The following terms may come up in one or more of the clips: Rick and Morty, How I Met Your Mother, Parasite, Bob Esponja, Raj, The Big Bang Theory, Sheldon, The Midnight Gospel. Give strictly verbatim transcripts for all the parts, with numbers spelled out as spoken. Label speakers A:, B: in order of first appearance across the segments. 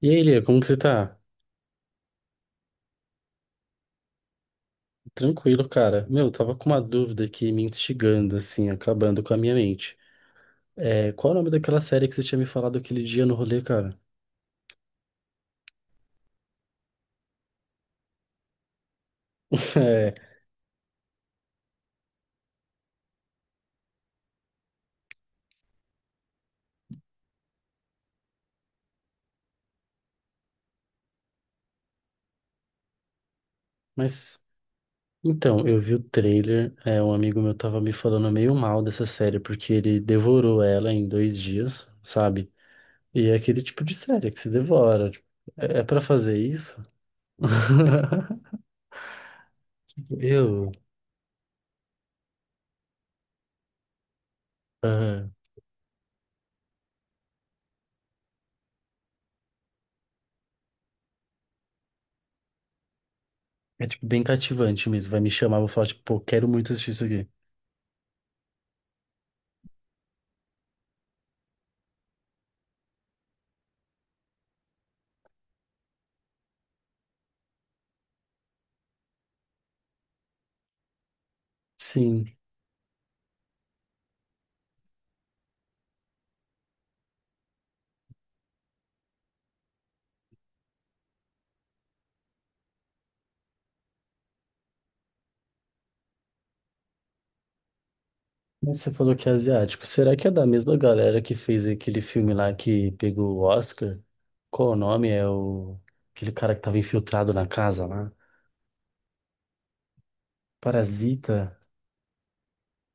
A: E aí, Lia, como que você tá? Tranquilo, cara. Meu, eu tava com uma dúvida aqui me instigando, assim, acabando com a minha mente. É, qual é o nome daquela série que você tinha me falado aquele dia no rolê, cara? É, mas, então, eu vi o trailer, é, um amigo meu tava me falando meio mal dessa série, porque ele devorou ela em dois dias, sabe? E é aquele tipo de série que se devora. Tipo, é, é pra fazer isso? Eu, aham. É tipo bem cativante mesmo. Vai me chamar, vou falar, tipo, pô, quero muito assistir isso aqui. Sim. Mas você falou que é asiático. Será que é da mesma galera que fez aquele filme lá que pegou o Oscar? Qual o nome? É o... Aquele cara que tava infiltrado na casa lá? Parasita.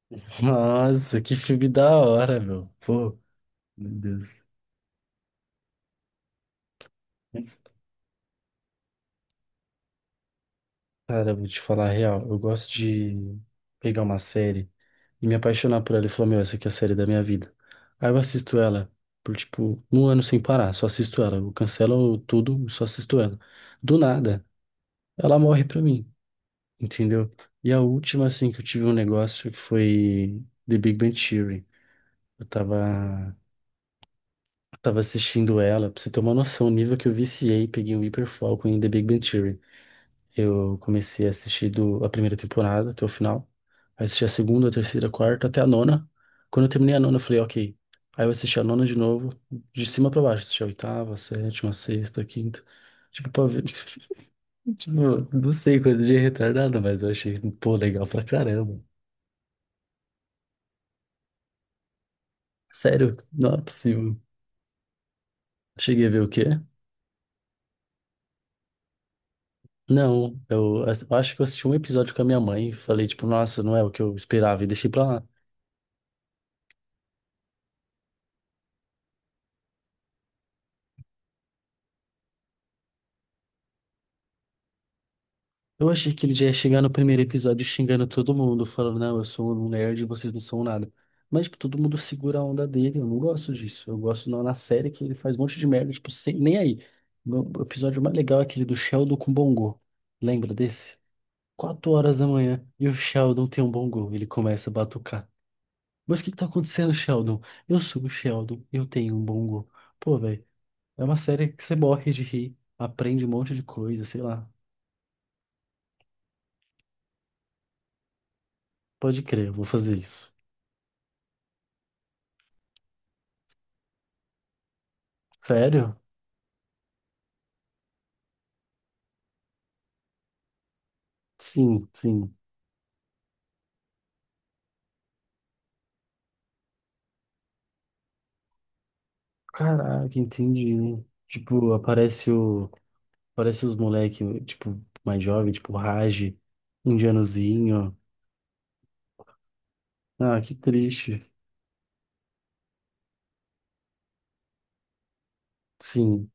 A: Nossa, que filme da hora, meu. Pô, meu Deus. Mas, cara, eu vou te falar a real. Eu gosto de pegar uma série e me apaixonar por ela e falar, meu, essa aqui é a série da minha vida. Aí eu assisto ela por, tipo, um ano sem parar. Só assisto ela. Eu cancelo tudo, só assisto ela. Do nada, ela morre pra mim. Entendeu? E a última, assim, que eu tive um negócio que foi The Big Bang Theory. Eu tava, eu tava assistindo ela, pra você ter uma noção, o nível que eu viciei, peguei um hiperfoco em The Big Bang Theory. Eu comecei a assistir do, a primeira temporada até o final, aí assisti a segunda, a terceira, a quarta, até a nona. Quando eu terminei a nona, eu falei, ok. Aí eu assisti a nona de novo, de cima pra baixo, assisti a oitava, a sétima, a sexta, a quinta. Tipo, pra ver, tipo, não sei, coisa de retardado, mas eu achei, pô, legal pra caramba. Sério? Não é possível. Cheguei a ver o quê? Não, eu as- acho que eu assisti um episódio com a minha mãe e falei, tipo, nossa, não é o que eu esperava e deixei pra lá. Eu achei que ele já ia chegar no primeiro episódio xingando todo mundo, falando, não, eu sou um nerd e vocês não são nada. Mas, tipo, todo mundo segura a onda dele, eu não gosto disso. Eu gosto na, na série que ele faz um monte de merda, tipo, sem, nem aí. O o episódio mais legal é aquele do Sheldon com Bongo. Lembra desse? Quatro horas da manhã e o Sheldon tem um Bongo. Ele começa a batucar. Mas o que que tá acontecendo, Sheldon? Eu subo, Sheldon. Eu tenho um bom bongo. Pô, velho, é uma série que você morre de rir, aprende um monte de coisa, sei lá. Pode crer, eu vou fazer isso. Sério? Sim, sim. Caraca, entendi. Né? Tipo, aparece o, aparece os moleque, tipo, mais jovem, tipo, Raj, indianozinho. Ah, que triste. Sim,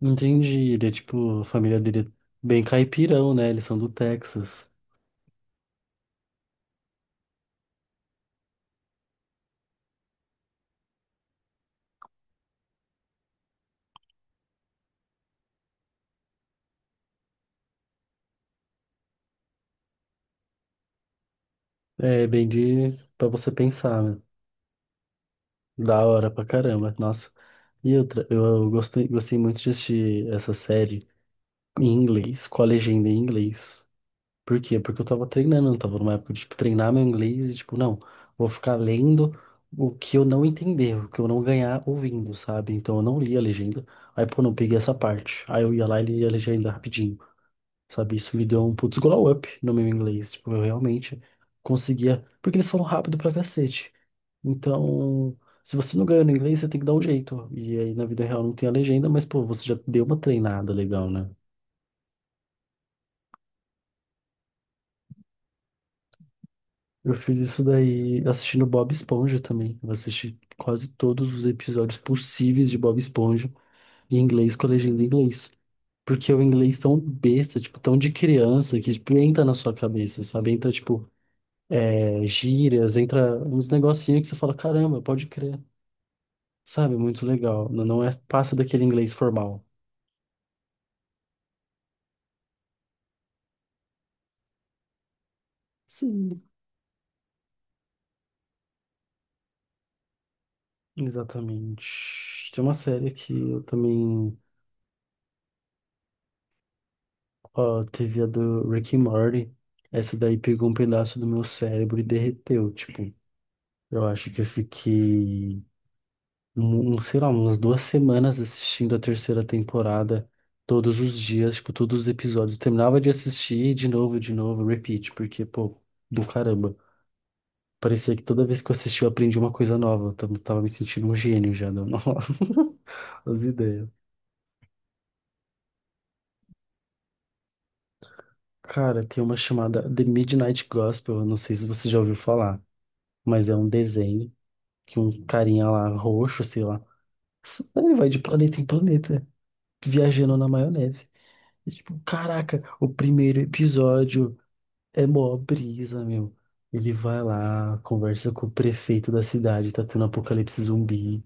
A: entendi. Ele é tipo, a família dele é bem caipirão, né? Eles são do Texas. É, bem de, pra você pensar, né? Da hora pra caramba, nossa. E outra, eu, eu gostei, gostei muito de assistir essa série em inglês, com a legenda em inglês. Por quê? Porque eu tava treinando, eu tava numa época de, tipo, treinar meu inglês e, tipo, não, vou ficar lendo o que eu não entender, o que eu não ganhar ouvindo, sabe? Então eu não li a legenda. Aí, pô, não peguei essa parte. Aí eu ia lá e lia a legenda rapidinho, sabe? Isso me deu um putz glow up no meu inglês. Tipo, eu realmente conseguia. Porque eles falam rápido pra cacete. Então, se você não ganhou no inglês, você tem que dar um jeito. E aí na vida real não tem a legenda, mas pô, você já deu uma treinada legal, né? Eu fiz isso daí assistindo Bob Esponja também. Eu assisti quase todos os episódios possíveis de Bob Esponja em inglês com a legenda em inglês. Porque o inglês tão besta, tipo, tão de criança, que tipo, entra na sua cabeça, sabe? Entra, tipo, é, gírias, entra uns negocinhos que você fala, caramba, pode crer. Sabe? Muito legal. Não não é, passa daquele inglês formal. Sim. Exatamente. Tem uma série que eu também. Ó, teve a do Rick and Morty. Essa daí pegou um pedaço do meu cérebro e derreteu. Tipo, eu acho que eu fiquei, um, um, sei lá, umas duas semanas assistindo a terceira temporada todos os dias, tipo, todos os episódios. Eu terminava de assistir e de novo, de novo, repeat, porque, pô, do caramba. Parecia que toda vez que eu assisti eu aprendi uma coisa nova. Eu tava tava me sentindo um gênio já, dando as ideias. Cara, tem uma chamada The Midnight Gospel, eu não sei se você já ouviu falar, mas é um desenho que um carinha lá, roxo, sei lá, ele vai de planeta em planeta, viajando na maionese. E tipo, caraca, o primeiro episódio é mó brisa, meu. Ele vai lá, conversa com o prefeito da cidade, tá tendo apocalipse zumbi.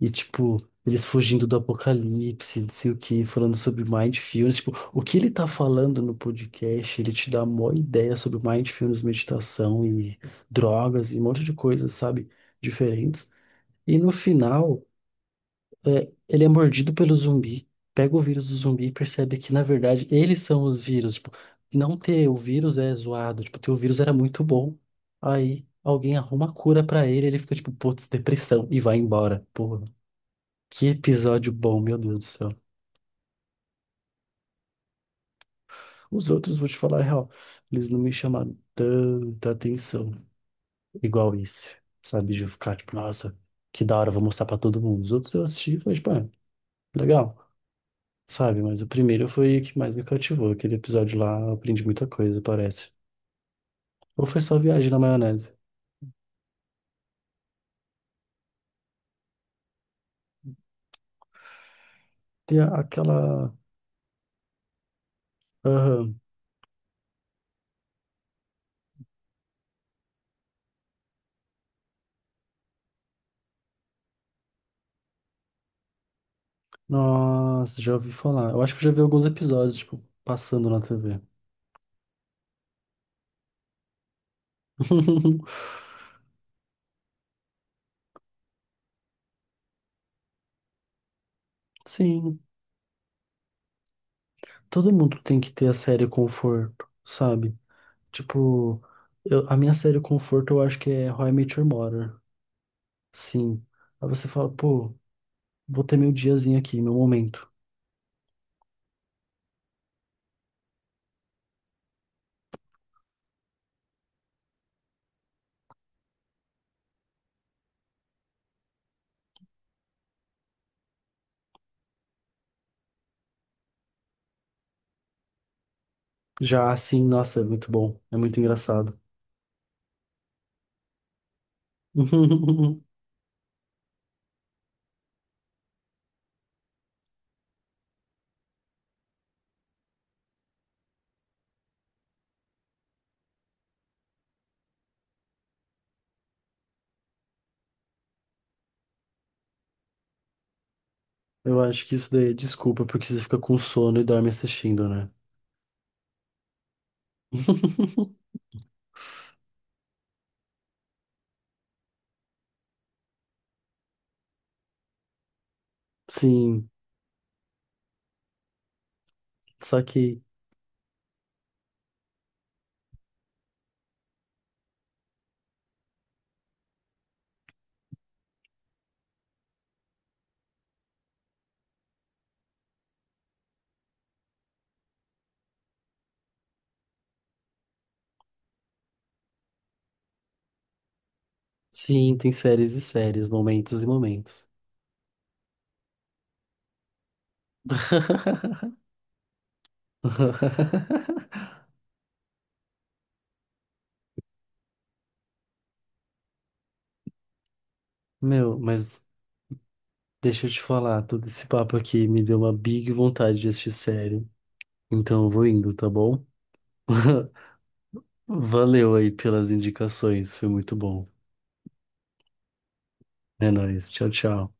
A: E, tipo, eles fugindo do apocalipse, não sei o que, falando sobre mindfulness. Tipo, o que ele tá falando no podcast, ele te dá a maior ideia sobre mindfulness, meditação e drogas e um monte de coisas, sabe? Diferentes. E no final, é, ele é mordido pelo zumbi, pega o vírus do zumbi e percebe que, na verdade, eles são os vírus. Tipo, não ter o vírus é zoado. Tipo, ter o vírus era muito bom. Aí alguém arruma a cura pra ele, ele fica tipo, putz, depressão, e vai embora. Porra. Que episódio bom, meu Deus do céu. Os outros, vou te falar a real, eles não me chamaram tanta atenção igual esse, sabe? De eu ficar tipo, nossa, que da hora, vou mostrar pra todo mundo. Os outros eu assisti e falei, tipo, ah, legal, sabe? Mas o primeiro foi o que mais me cativou. Aquele episódio lá, eu aprendi muita coisa, parece. Ou foi só viagem na maionese? Tem a- aquela. Aham. Nossa, já ouvi falar. Eu acho que eu já vi alguns episódios, tipo, passando na T V. Sim. Todo mundo tem que ter a série conforto, sabe? Tipo, eu- a minha série conforto eu acho que é How I Met Your Mother. Sim. Aí você fala, pô, vou ter meu diazinho aqui, meu momento. Já assim, nossa, é muito bom. É muito engraçado. Eu acho que isso daí é desculpa, porque você fica com sono e dorme assistindo, né? Sim, só que sim, tem séries e séries, momentos e momentos. Meu, mas deixa eu te falar, todo esse papo aqui me deu uma big vontade de assistir série. Então eu vou indo, tá bom? Valeu aí pelas indicações, foi muito bom. É nóis, tchau, tchau.